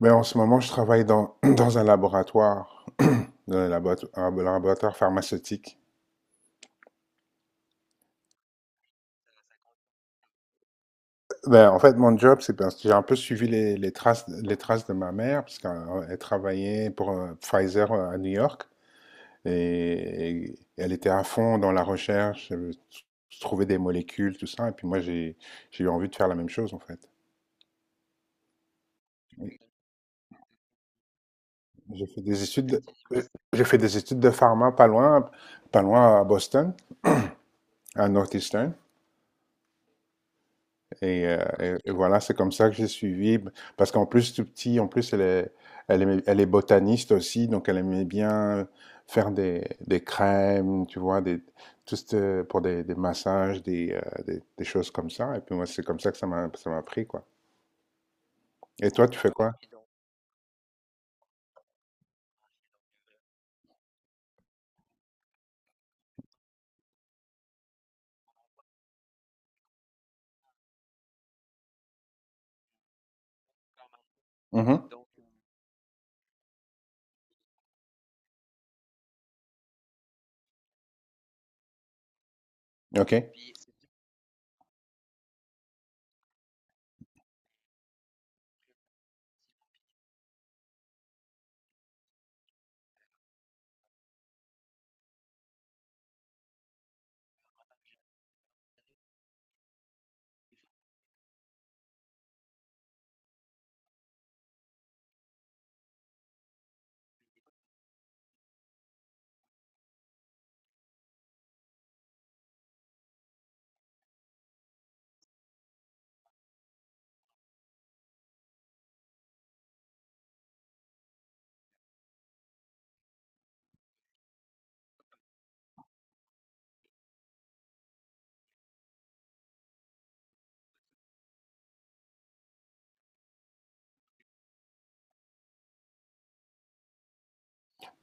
Ben, en ce moment, je travaille dans un laboratoire, dans un un laboratoire pharmaceutique. Ben, en fait, mon job, c'est parce que j'ai un peu suivi les traces de ma mère, parce qu'elle travaillait pour Pfizer à New York, et elle était à fond dans la recherche, trouver des molécules, tout ça, et puis j'ai eu envie de faire la même chose, en fait. J'ai fait des études de, euh, j'ai fait des études de pharma pas loin, pas loin à Boston, à Northeastern. Et, euh, et voilà, c'est comme ça que j'ai suivi. Parce qu'en plus, tout petit, en plus, elle est botaniste aussi, donc elle aimait bien faire des crèmes, tu vois, des, tout ce- pour des massages, des choses comme ça. Et puis moi, c'est comme ça que ça m'a pris, quoi. Et toi, tu fais Ok. quoi? Mhm. Ok.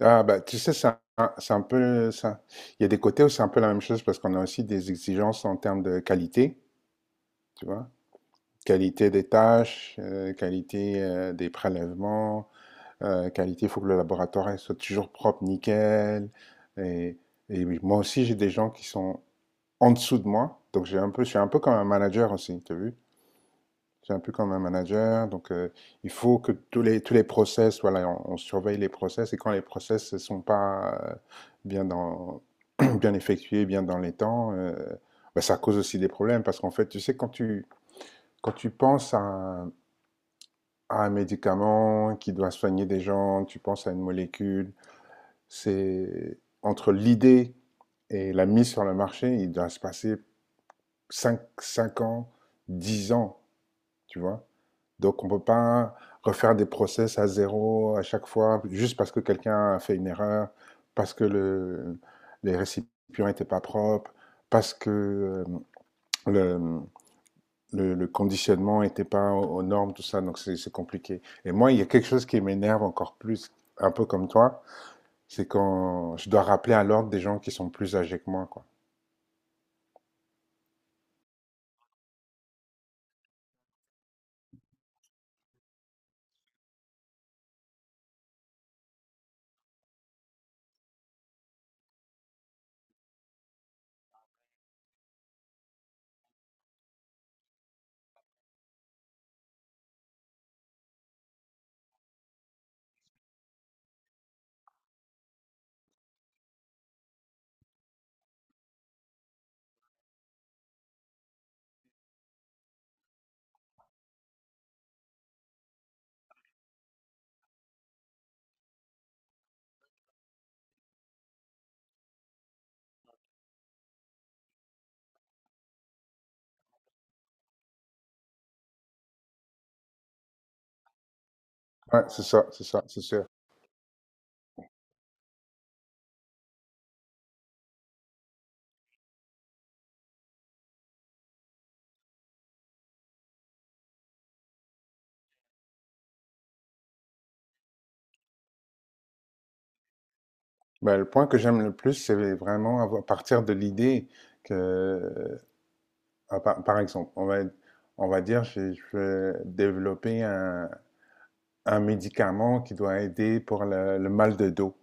Ah, bah, tu sais, c'est un peu ça. Il y a des côtés où c'est un peu la même chose parce qu'on a aussi des exigences en termes de qualité, tu vois. Qualité des tâches, qualité des prélèvements, qualité, il faut que le laboratoire soit toujours propre, nickel. Et, et oui, moi aussi, j'ai des gens qui sont en dessous de moi, donc j'ai un peu, je suis un peu comme un manager aussi, tu as vu? Je suis un peu comme un manager, donc il faut que tous les process, voilà, on surveille les process, et quand les process ne sont pas bien, dans, bien effectués, bien dans les temps, ben, ça cause aussi des problèmes, parce qu'en fait, tu sais, quand tu penses à un médicament qui doit soigner des gens, tu penses à une molécule. C'est entre l'idée et la mise sur le marché, il doit se passer cinq ans, 10 ans, tu vois. Donc on ne peut pas refaire des process à zéro à chaque fois, juste parce que quelqu'un a fait une erreur, parce que le, les récipients n'étaient pas propres, parce que euh, le, le conditionnement n'était pas aux, normes, tout ça, donc c'est compliqué. Et moi, il y a quelque chose qui m'énerve encore plus, un peu comme toi, c'est quand je dois rappeler à l'ordre des gens qui sont plus âgés que moi, quoi. Ouais, c'est ça, c'est ça, c'est sûr. Ben, le point que j'aime le plus, c'est vraiment avoir- partir de l'idée que, euh, par exemple, on va dire, je vais développer un médicament qui doit aider pour le mal de dos.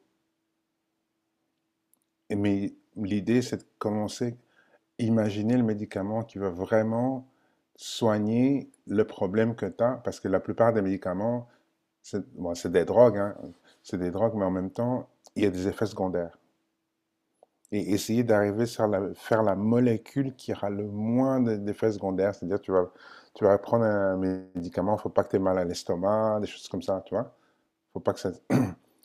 Et mais l'idée, c'est de commencer imaginer le médicament qui va vraiment soigner le problème que tu as, parce que la plupart des médicaments, c'est bon, c'est des drogues, hein, c'est des drogues, mais en même temps, il y a des effets secondaires. Et essayer d'arriver à la, faire la molécule qui aura le moins d'effets secondaires, c'est-à-dire tu vas prendre un médicament, il ne faut pas que tu aies mal à l'estomac, des choses comme ça, tu vois. Il ne Faut pas que ça, il ne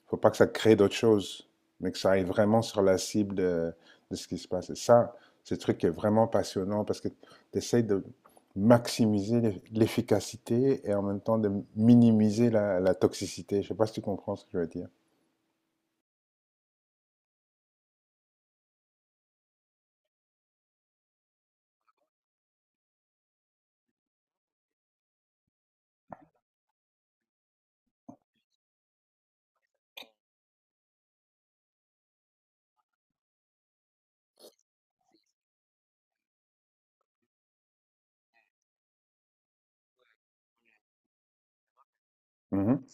faut pas que ça crée d'autres choses, mais que ça aille vraiment sur la cible de ce qui se passe. Et ça, c'est un truc qui est vraiment passionnant parce que tu essayes de maximiser l'efficacité et en même temps de minimiser la, la toxicité. Je ne sais pas si tu comprends ce que je veux dire. Mhm.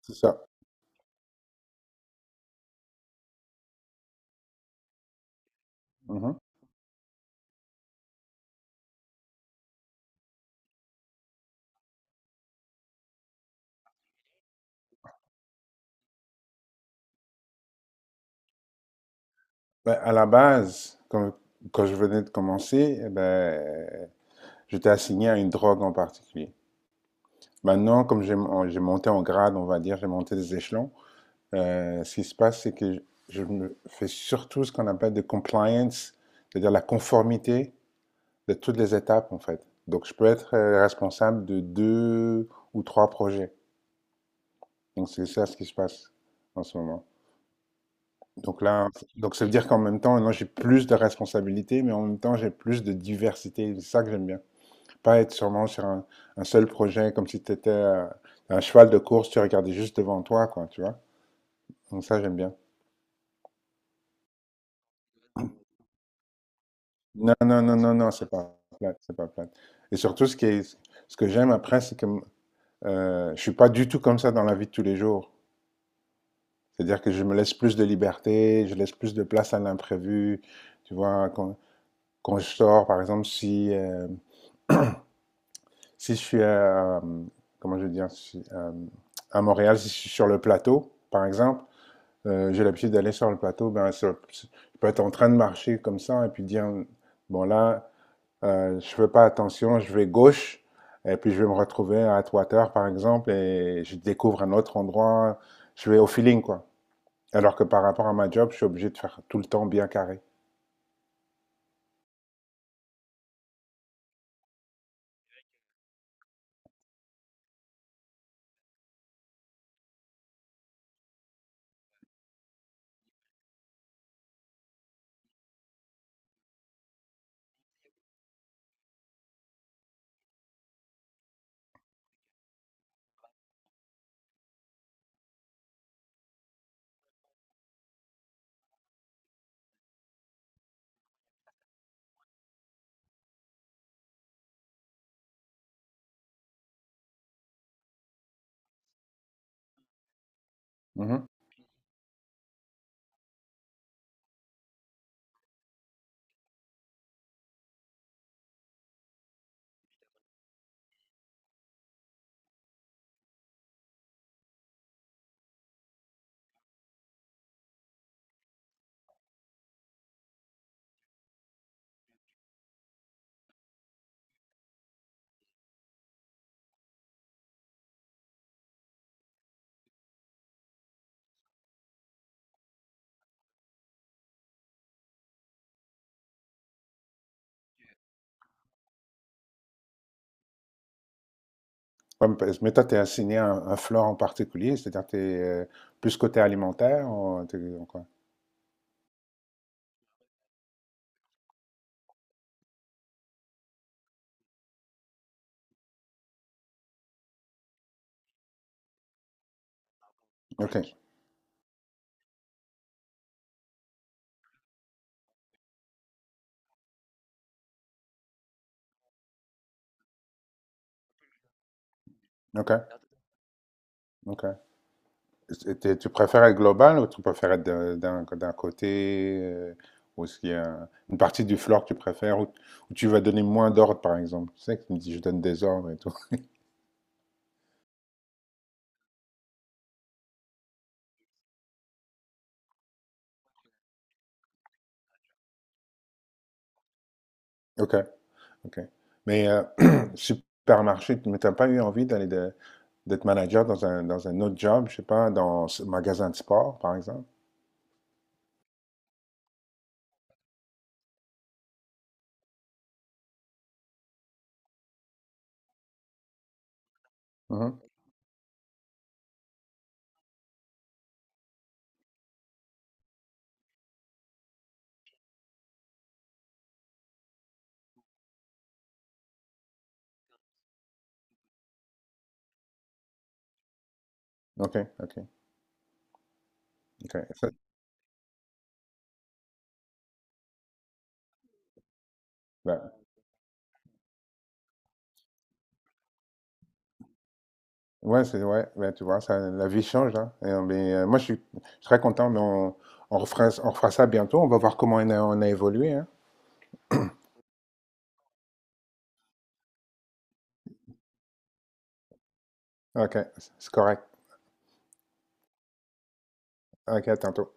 C'est ça. Mhm. Ben, à la base, quand je venais de commencer, eh ben, j'étais assigné à une drogue en particulier. Maintenant, comme j'ai monté en grade, on va dire, j'ai monté des échelons, ce qui se passe, c'est que me fais surtout ce qu'on appelle de compliance, c'est-à-dire la conformité de toutes les étapes, en fait. Donc, je peux être responsable de deux ou trois projets. Donc, c'est ça ce qui se passe en ce moment. Donc là, donc ça veut dire qu'en même temps, maintenant, j'ai plus de responsabilités, mais en même temps, j'ai plus de diversité. C'est ça que j'aime bien. Pas être sûrement sur un seul projet, comme si tu étais un cheval de course, tu regardais juste devant toi, quoi, tu vois. Donc ça, j'aime bien. Non, non, non, non, non, c'est pas plate, c'est pas plate. Et surtout, ce que j'aime après, c'est que je suis pas du tout comme ça dans la vie de tous les jours. C'est-à-dire que je me laisse plus de liberté, je laisse plus de place à l'imprévu. Tu vois, quand, quand je sors, par exemple, si, si je suis à, comment je veux dire, si- à Montréal, si je suis sur le plateau, par exemple, j'ai l'habitude d'aller sur le plateau, je peux être en train de marcher comme ça et puis dire, bon là. Je ne fais pas attention, je vais gauche, et puis je vais me retrouver à Atwater, par exemple, et je découvre un autre endroit. Je vais au feeling, quoi. Alors que par rapport à ma job, je suis obligé de faire tout le temps bien carré. Mhm. Comme- Mais toi, tu es assigné à un floor en particulier, c'est-à-dire tu es plus côté alimentaire ou ou quoi? Ok, ok, ok. Tu préfères être global ou tu préfères être d'un côté ou est-ce qu'il y a une partie du floor que tu préfères ou tu vas donner moins d'ordre par exemple? Tu sais que tu me dis je donne des ordres et tout. Ok, ok. Mais supermarché, mais t'as pas eu envie d'être manager dans un autre job, je sais pas, dans un magasin de sport par exemple? Mhm. Ok, ok, ok. Ça, ben, ouais, c'est ouais, ben, tu vois, ça, la vie change, hein. Moi, je suis très content, on refera ça bientôt. On va voir comment on a évolué, hein. Ok, c'est correct. Ok, à tantôt.